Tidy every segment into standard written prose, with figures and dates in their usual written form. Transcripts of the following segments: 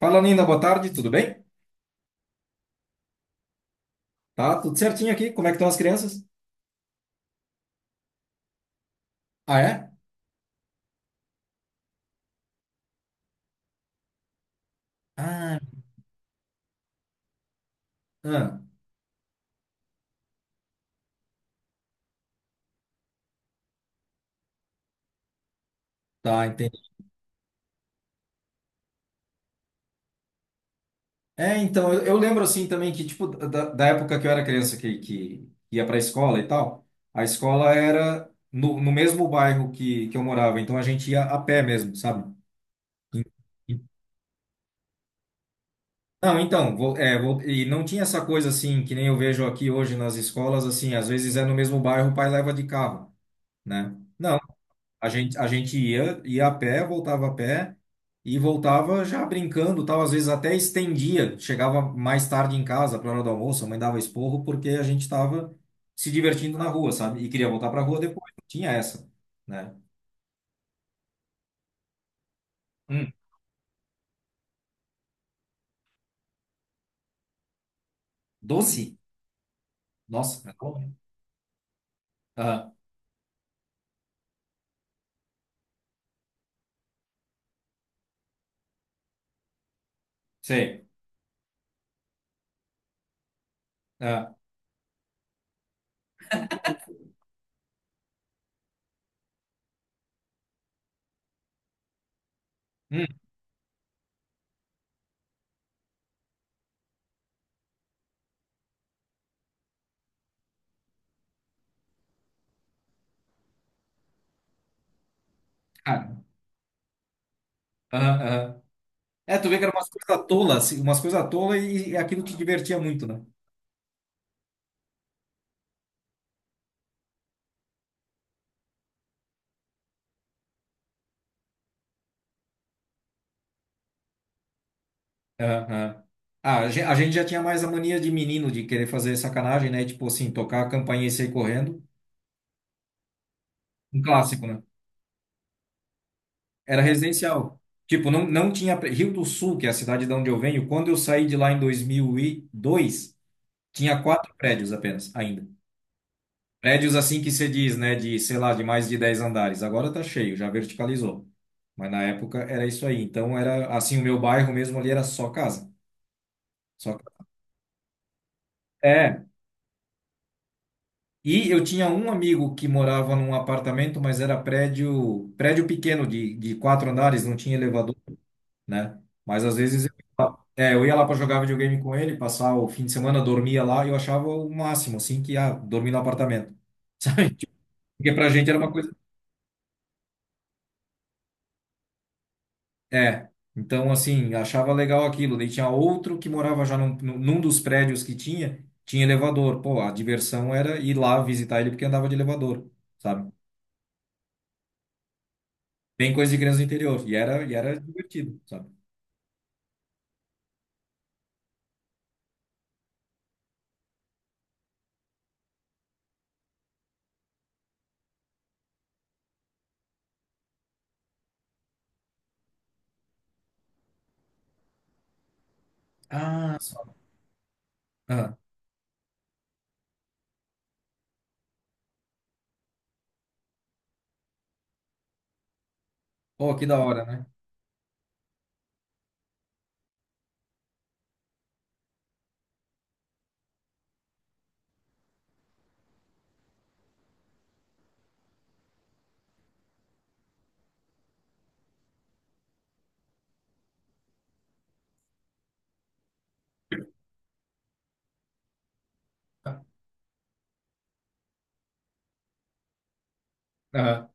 Fala, Nina, boa tarde, tudo bem? Tá tudo certinho aqui? Como é que estão as crianças? Ah, é? Ah, ah, tá, entendi. É, então, eu lembro assim também que, tipo, da época que eu era criança que ia pra escola e tal, a escola era no mesmo bairro que eu morava, então a gente ia a pé mesmo, sabe? E- e- Não, então, e não tinha essa coisa assim, que nem eu vejo aqui hoje nas escolas, assim, às vezes é no mesmo bairro, o pai leva de carro, né? Não. A gente ia a pé, voltava a pé e voltava já brincando, tal, às vezes até estendia, chegava mais tarde em casa para hora do almoço, a mãe dava esporro porque a gente estava se divertindo na rua, sabe? E queria voltar para rua depois, tinha essa, né? Hum, doce? Nossa, é bom, né? Aham, sei. Aham, hum, cara. Aham, aham. É, tu vê que eram umas coisas tolas, assim, umas coisas tolas e aquilo te divertia muito, né? Aham. Ah, a gente já tinha mais a mania de menino de querer fazer sacanagem, né? Tipo assim, tocar a campainha e sair correndo. Um clássico, né? Era residencial. Tipo, não tinha. Rio do Sul, que é a cidade de onde eu venho, quando eu saí de lá em 2002, tinha 4 prédios apenas, ainda. Prédios assim que se diz, né? De, sei lá, de mais de 10 andares. Agora tá cheio, já verticalizou. Mas na época era isso aí. Então era assim, o meu bairro mesmo ali era só casa. Só casa. E eu tinha um amigo que morava num apartamento, mas era prédio, prédio pequeno de 4 andares, não tinha elevador, né? Mas às vezes eu ia lá para jogar videogame com ele, passar o fim de semana, dormia lá, e eu achava o máximo, assim, que ah, dormir no apartamento. Sabe? Tipo, porque pra gente era uma coisa. É. Então, assim, achava legal aquilo. Daí tinha outro que morava já num dos prédios que tinha elevador. Pô, a diversão era ir lá visitar ele porque andava de elevador, sabe? Bem coisa de criança do interior. E era divertido, sabe? Ah, só. Aham. Oh, que da hora, né? Aham.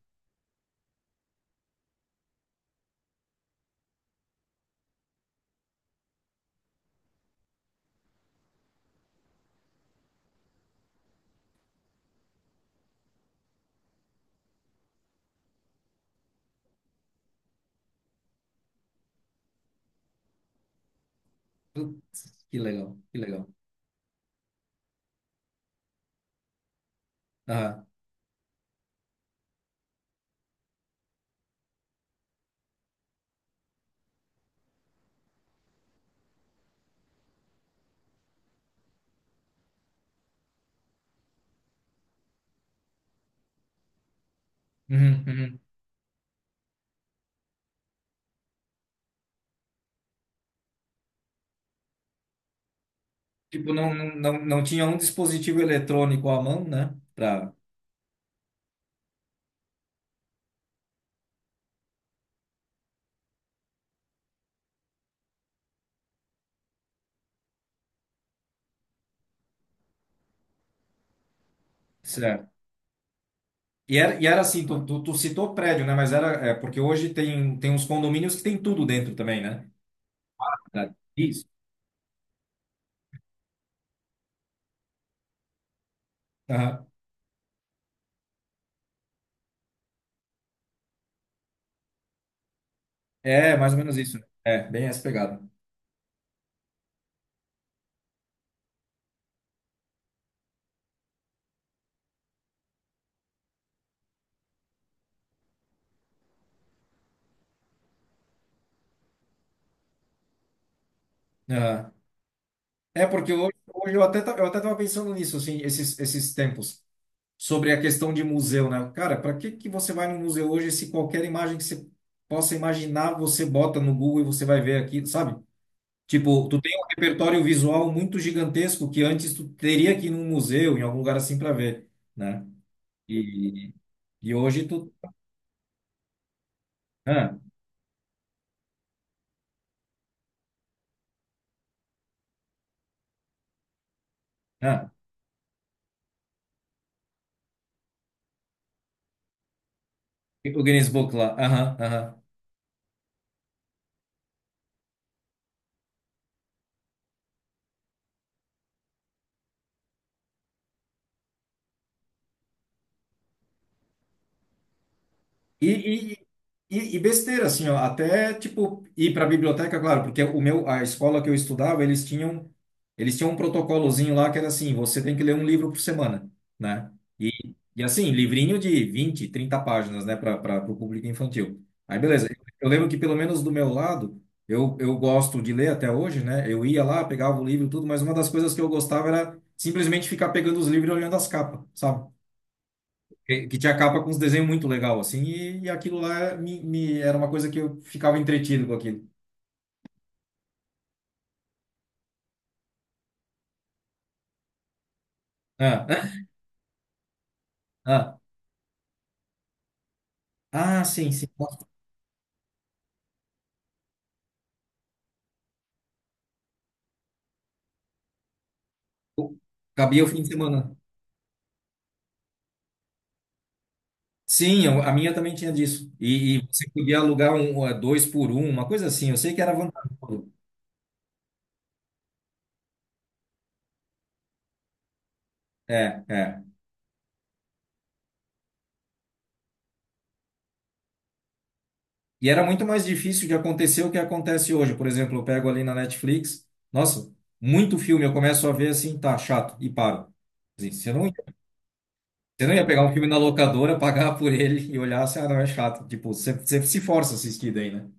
Putz, que legal, que legal. Aham. Uhum, uhum. Tipo, não tinha um dispositivo eletrônico à mão, né? Pra... Certo. E era assim, tu citou prédio, né? Mas era, é, porque hoje tem, tem uns condomínios que tem tudo dentro também, né? Tá. Isso. Aham. É, mais ou menos isso. Né? É, bem essa pegada. Aham. É, porque hoje, hoje eu até, eu até tava pensando nisso, assim, esses, esses tempos. Sobre a questão de museu, né? Cara, para que que você vai no museu hoje se qualquer imagem que você possa imaginar, você bota no Google e você vai ver aqui, sabe? Tipo, tu tem um repertório visual muito gigantesco que antes tu teria que ir num museu, em algum lugar assim para ver, né? E, e hoje tu... Ah, ah, O Guinness Book lá. Aham, aham. E, e, e besteira, assim, ó, até, tipo, ir para a biblioteca, claro, porque o meu, a escola que eu estudava, eles tinham um protocolozinho lá que era assim, você tem que ler um livro por semana, né? E, e assim, livrinho de 20 30 páginas, né, para o público infantil. Aí, beleza. Eu lembro que, pelo menos do meu lado, eu gosto de ler até hoje, né? Eu ia lá, pegava o livro e tudo, mas uma das coisas que eu gostava era simplesmente ficar pegando os livros e olhando as capas, sabe? Que tinha capa com uns desenhos muito legal, assim, e aquilo lá era uma coisa que eu ficava entretido com aquilo. Ah, ah, ah, sim, sim. Cabia o fim de semana. Sim, a minha também tinha disso. E você podia alugar um, dois por um, uma coisa assim. Eu sei que era vantajoso. É, é. E era muito mais difícil de acontecer o que acontece hoje. Por exemplo, eu pego ali na Netflix, nossa, muito filme, eu começo a ver assim, tá chato, e paro. Assim, Você não Você não ia pegar um filme na locadora, pagar por ele e olhar, assim, ah, não, é chato. Tipo, você, você se força a assistir daí, né?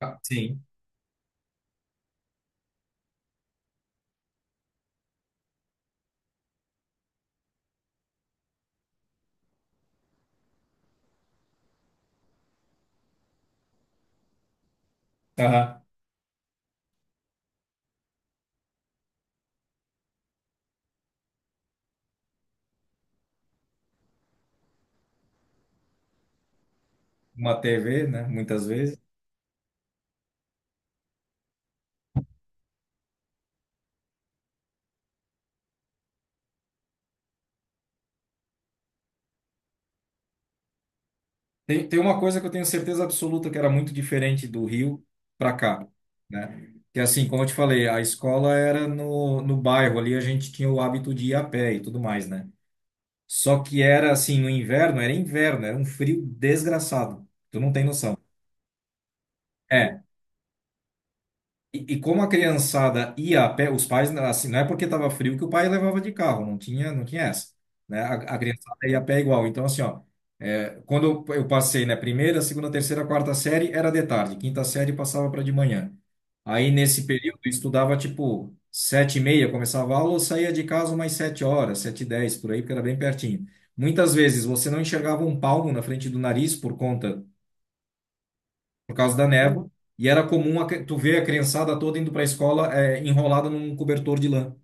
Ah, sim. Aham. Uma TV, né? Muitas vezes. Tem, tem uma coisa que eu tenho certeza absoluta que era muito diferente do Rio para cá, né? Que assim, como eu te falei, a escola era no bairro ali, a gente tinha o hábito de ir a pé e tudo mais, né? Só que era assim, no inverno, era um frio desgraçado. Tu não tem noção. É. E, e como a criançada ia a pé, os pais, assim, não é porque estava frio que o pai levava de carro, não tinha essa, né? A criançada ia a pé igual. Então, assim, ó, é, quando eu passei, né, primeira, segunda, terceira, quarta série era de tarde, quinta série passava para de manhã. Aí, nesse período, eu estudava, tipo, 7:30, começava a aula, eu saía de casa umas 7 horas, 7:10, por aí, porque era bem pertinho. Muitas vezes você não enxergava um palmo na frente do nariz por causa da névoa, e era comum tu ver a criançada toda indo para a escola enrolada num cobertor de lã.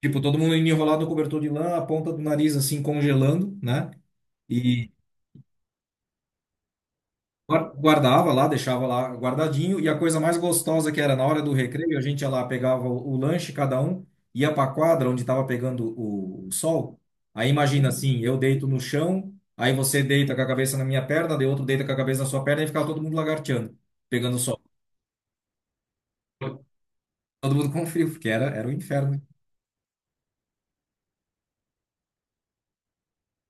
Tipo, todo mundo indo enrolado no cobertor de lã, a ponta do nariz assim congelando, né? E guardava lá, deixava lá guardadinho, e a coisa mais gostosa que era na hora do recreio, a gente ia lá, pegava o lanche, cada um, ia para a quadra onde estava pegando o sol. Aí imagina assim, eu deito no chão, aí você deita com a cabeça na minha perna, de outro deita com a cabeça na sua perna e ficava todo mundo lagarteando, pegando sol. Todo mundo com frio, porque era, era um inferno.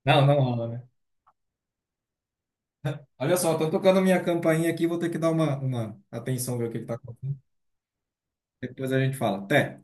Não, não rola, né? Olha só, tô tocando minha campainha aqui, vou ter que dar uma atenção, ver o que que tá acontecendo. Depois a gente fala. Até.